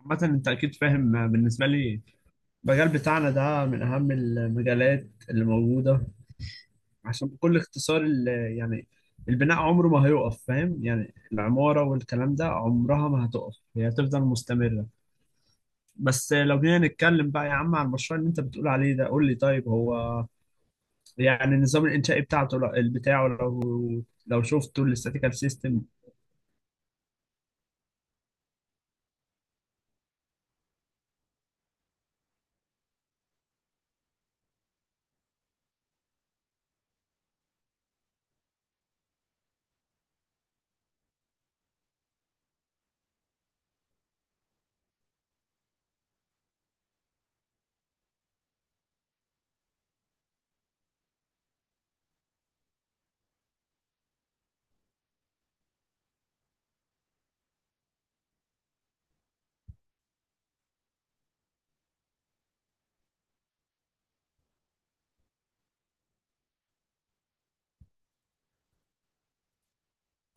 عامة أنت أكيد فاهم. بالنسبة لي المجال بتاعنا ده من أهم المجالات اللي موجودة، عشان بكل اختصار يعني البناء عمره ما هيقف، فاهم؟ يعني العمارة والكلام ده عمرها ما هتقف، هي هتفضل مستمرة. بس لو جينا نتكلم بقى يا عم عن المشروع اللي أنت بتقول عليه ده، قول لي طيب هو يعني النظام الإنشائي بتاعه لو شفته الاستاتيكال سيستم.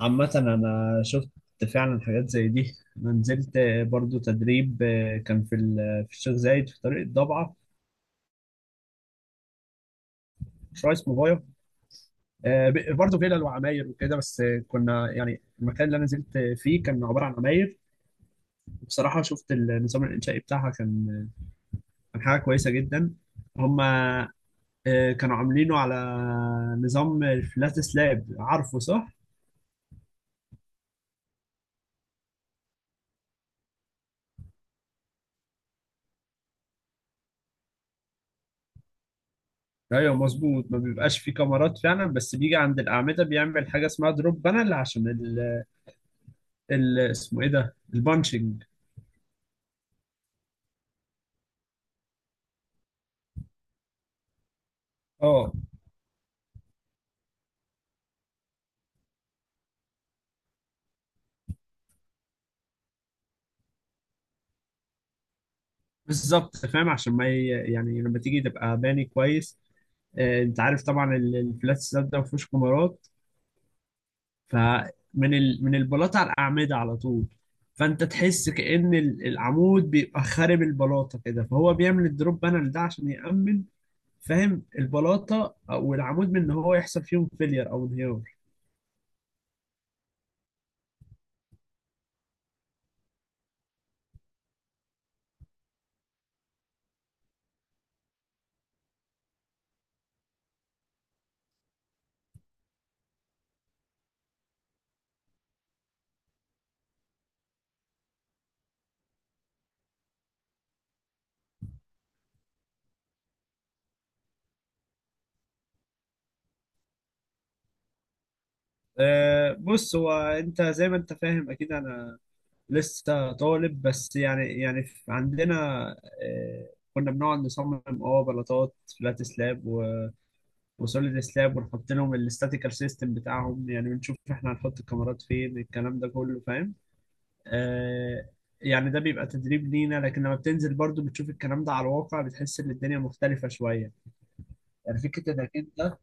عامة أنا شفت فعلا حاجات زي دي، أنا نزلت برضو تدريب، كان في في الشيخ زايد في طريق الضبعة، مشروع اسمه فايا، برضو فيلل وعماير وكده. بس كنا يعني المكان اللي أنا نزلت فيه كان عبارة عن عماير. بصراحة شفت النظام الإنشائي بتاعها، كان كان حاجة كويسة جدا. هما كانوا عاملينه على نظام الفلات سلاب، عارفه صح؟ ايوه مظبوط، ما بيبقاش فيه كاميرات فعلا، بس بيجي عند الاعمده بيعمل حاجه اسمها دروب بانل عشان اسمه ايه ده، البانشنج. اه بالظبط، فاهم؟ عشان ما ي- يعني لما تيجي تبقى باني كويس، انت عارف طبعا الفلات سلاب ده ما فيهوش كمرات، فمن من البلاطه على الاعمده على طول، فانت تحس كأن العمود بيبقى خارب البلاطه كده، فهو بيعمل الدروب بانل ده عشان يأمن، فاهم؟ البلاطه او العمود من ان هو يحصل فيهم فيلير او انهيار. بص، هو انت زي ما انت فاهم اكيد انا لسه طالب بس، يعني عندنا كنا بنقعد نصمم اه بلاطات فلات سلاب وسوليد سلاب، ونحط لهم الاستاتيكال سيستم بتاعهم، يعني بنشوف احنا هنحط الكاميرات فين، الكلام ده كله فاهم؟ آه، يعني ده بيبقى تدريب لينا، لكن لما بتنزل برضو بتشوف الكلام ده على الواقع بتحس ان الدنيا مختلفة شوية. يعني فكرة انك انت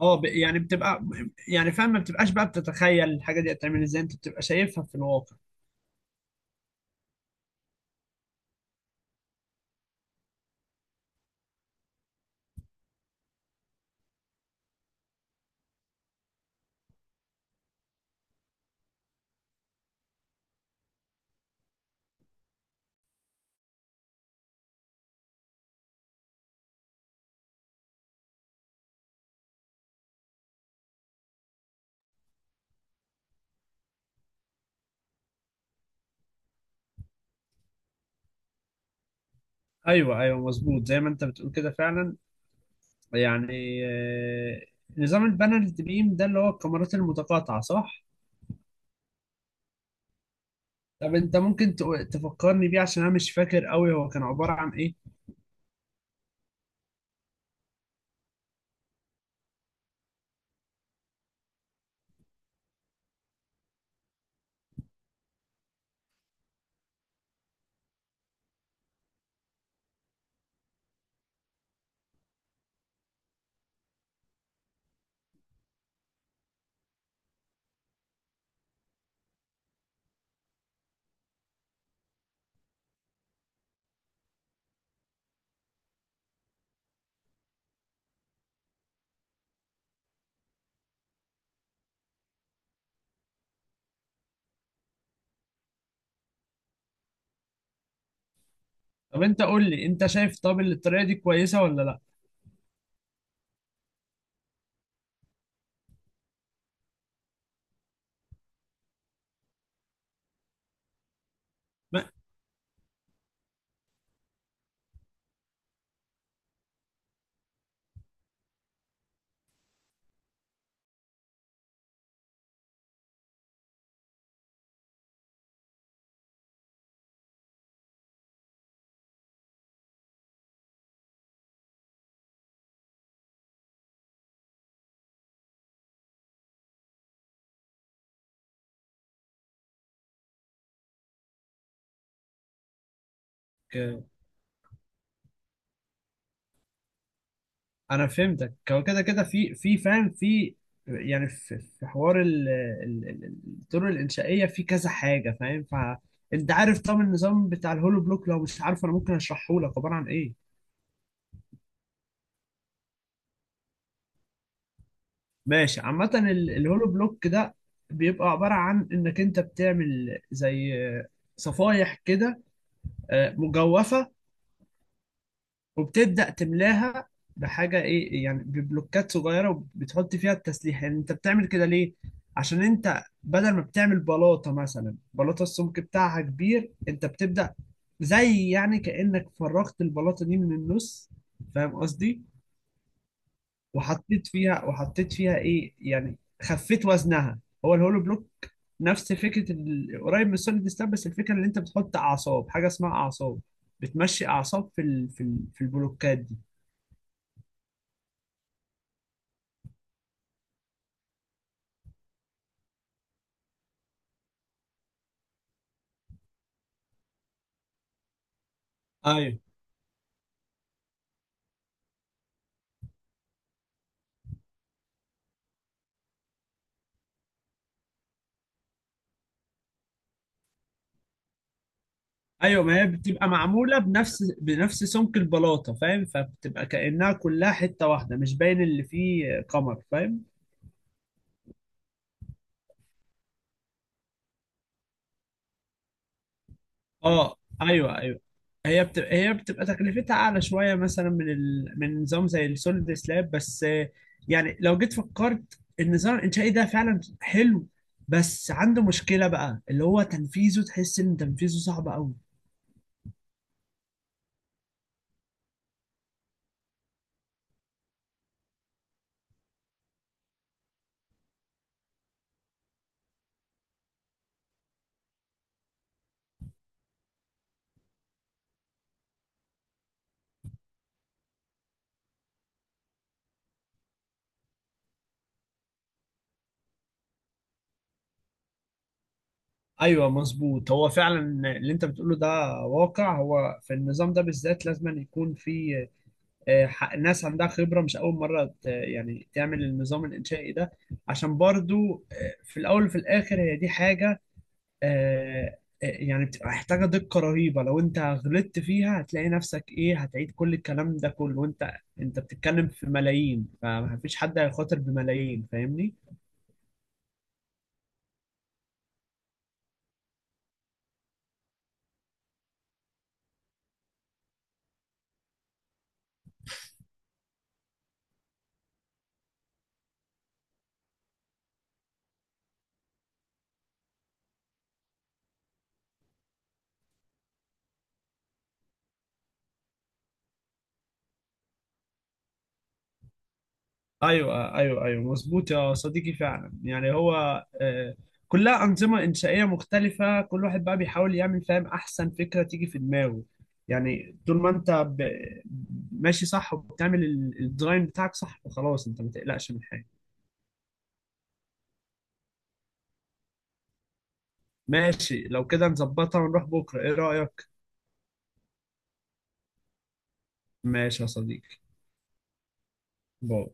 اه يعني بتبقى، يعني فاهم، ما بتبقاش بقى بتتخيل الحاجه دي هتعمل ازاي، انت بتبقى شايفها في الواقع. ايوه ايوه مظبوط، زي ما انت بتقول كده فعلا. يعني نظام البانل بيم ده اللي هو الكاميرات المتقاطعه صح؟ طب انت ممكن تفكرني بيه عشان انا مش فاكر قوي هو كان عباره عن ايه؟ طب انت قول لي، انت شايف طب الطريقه دي كويسه ولا لا؟ انا فهمتك، هو كده كده في فاهم، في يعني في حوار ال- ال- الطرق الانشائيه في كذا حاجه، فاهم؟ فانت عارف طبعا النظام بتاع الهولو بلوك، لو مش عارف انا ممكن اشرحه لك عباره عن ايه. ماشي، عامه الهولو بلوك ده بيبقى عباره عن انك انت بتعمل زي صفايح كده مجوفه، وبتبدأ تملاها بحاجة ايه يعني، ببلوكات صغيرة، وبتحط فيها التسليح. يعني انت بتعمل كده ليه؟ عشان انت بدل ما بتعمل بلاطة مثلا بلاطة السمك بتاعها كبير، انت بتبدأ زي يعني كأنك فرغت البلاطة دي من النص، فاهم قصدي؟ وحطيت فيها، وحطيت فيها ايه يعني، خفيت وزنها. هو الهولو بلوك نفس فكرة قريب من السوليد ستاب، بس الفكرة ان انت بتحط اعصاب، حاجة اسمها اعصاب، بتمشي اعصاب في في البلوكات دي. ايوه ايوه، ما هي بتبقى معموله بنفس سمك البلاطه، فاهم؟ فبتبقى كانها كلها حته واحده، مش باين اللي فيه قمر، فاهم؟ اه ايوه ايوه، هي بتبقى تكلفتها اعلى شويه مثلا من من نظام زي السوليد سلاب، بس يعني لو جيت فكرت النظام الانشائي ده فعلا حلو، بس عنده مشكله بقى اللي هو تنفيذه، تحس ان تنفيذه صعب قوي. ايوه مظبوط، هو فعلا اللي انت بتقوله ده واقع. هو في النظام ده بالذات لازم يكون في ناس عندها خبرة، مش أول مرة يعني تعمل النظام الإنشائي ده، عشان برضو في الأول وفي الآخر هي دي حاجة يعني بتبقى محتاجة دقة رهيبة، لو أنت غلطت فيها هتلاقي نفسك إيه، هتعيد كل الكلام ده كله، وأنت بتتكلم في ملايين، فمفيش حد هيخاطر بملايين، فاهمني؟ ايوه ايوه ايوه مظبوط يا صديقي، فعلا يعني هو آه، كلها انظمه انشائيه مختلفه، كل واحد بقى بيحاول يعمل فاهم احسن فكره تيجي في دماغه. يعني طول ما انت ماشي صح، وبتعمل الديزاين بتاعك صح، فخلاص انت ما تقلقش من حاجه. ماشي، لو كده نظبطها ونروح بكره، ايه رايك؟ ماشي يا صديقي، باي.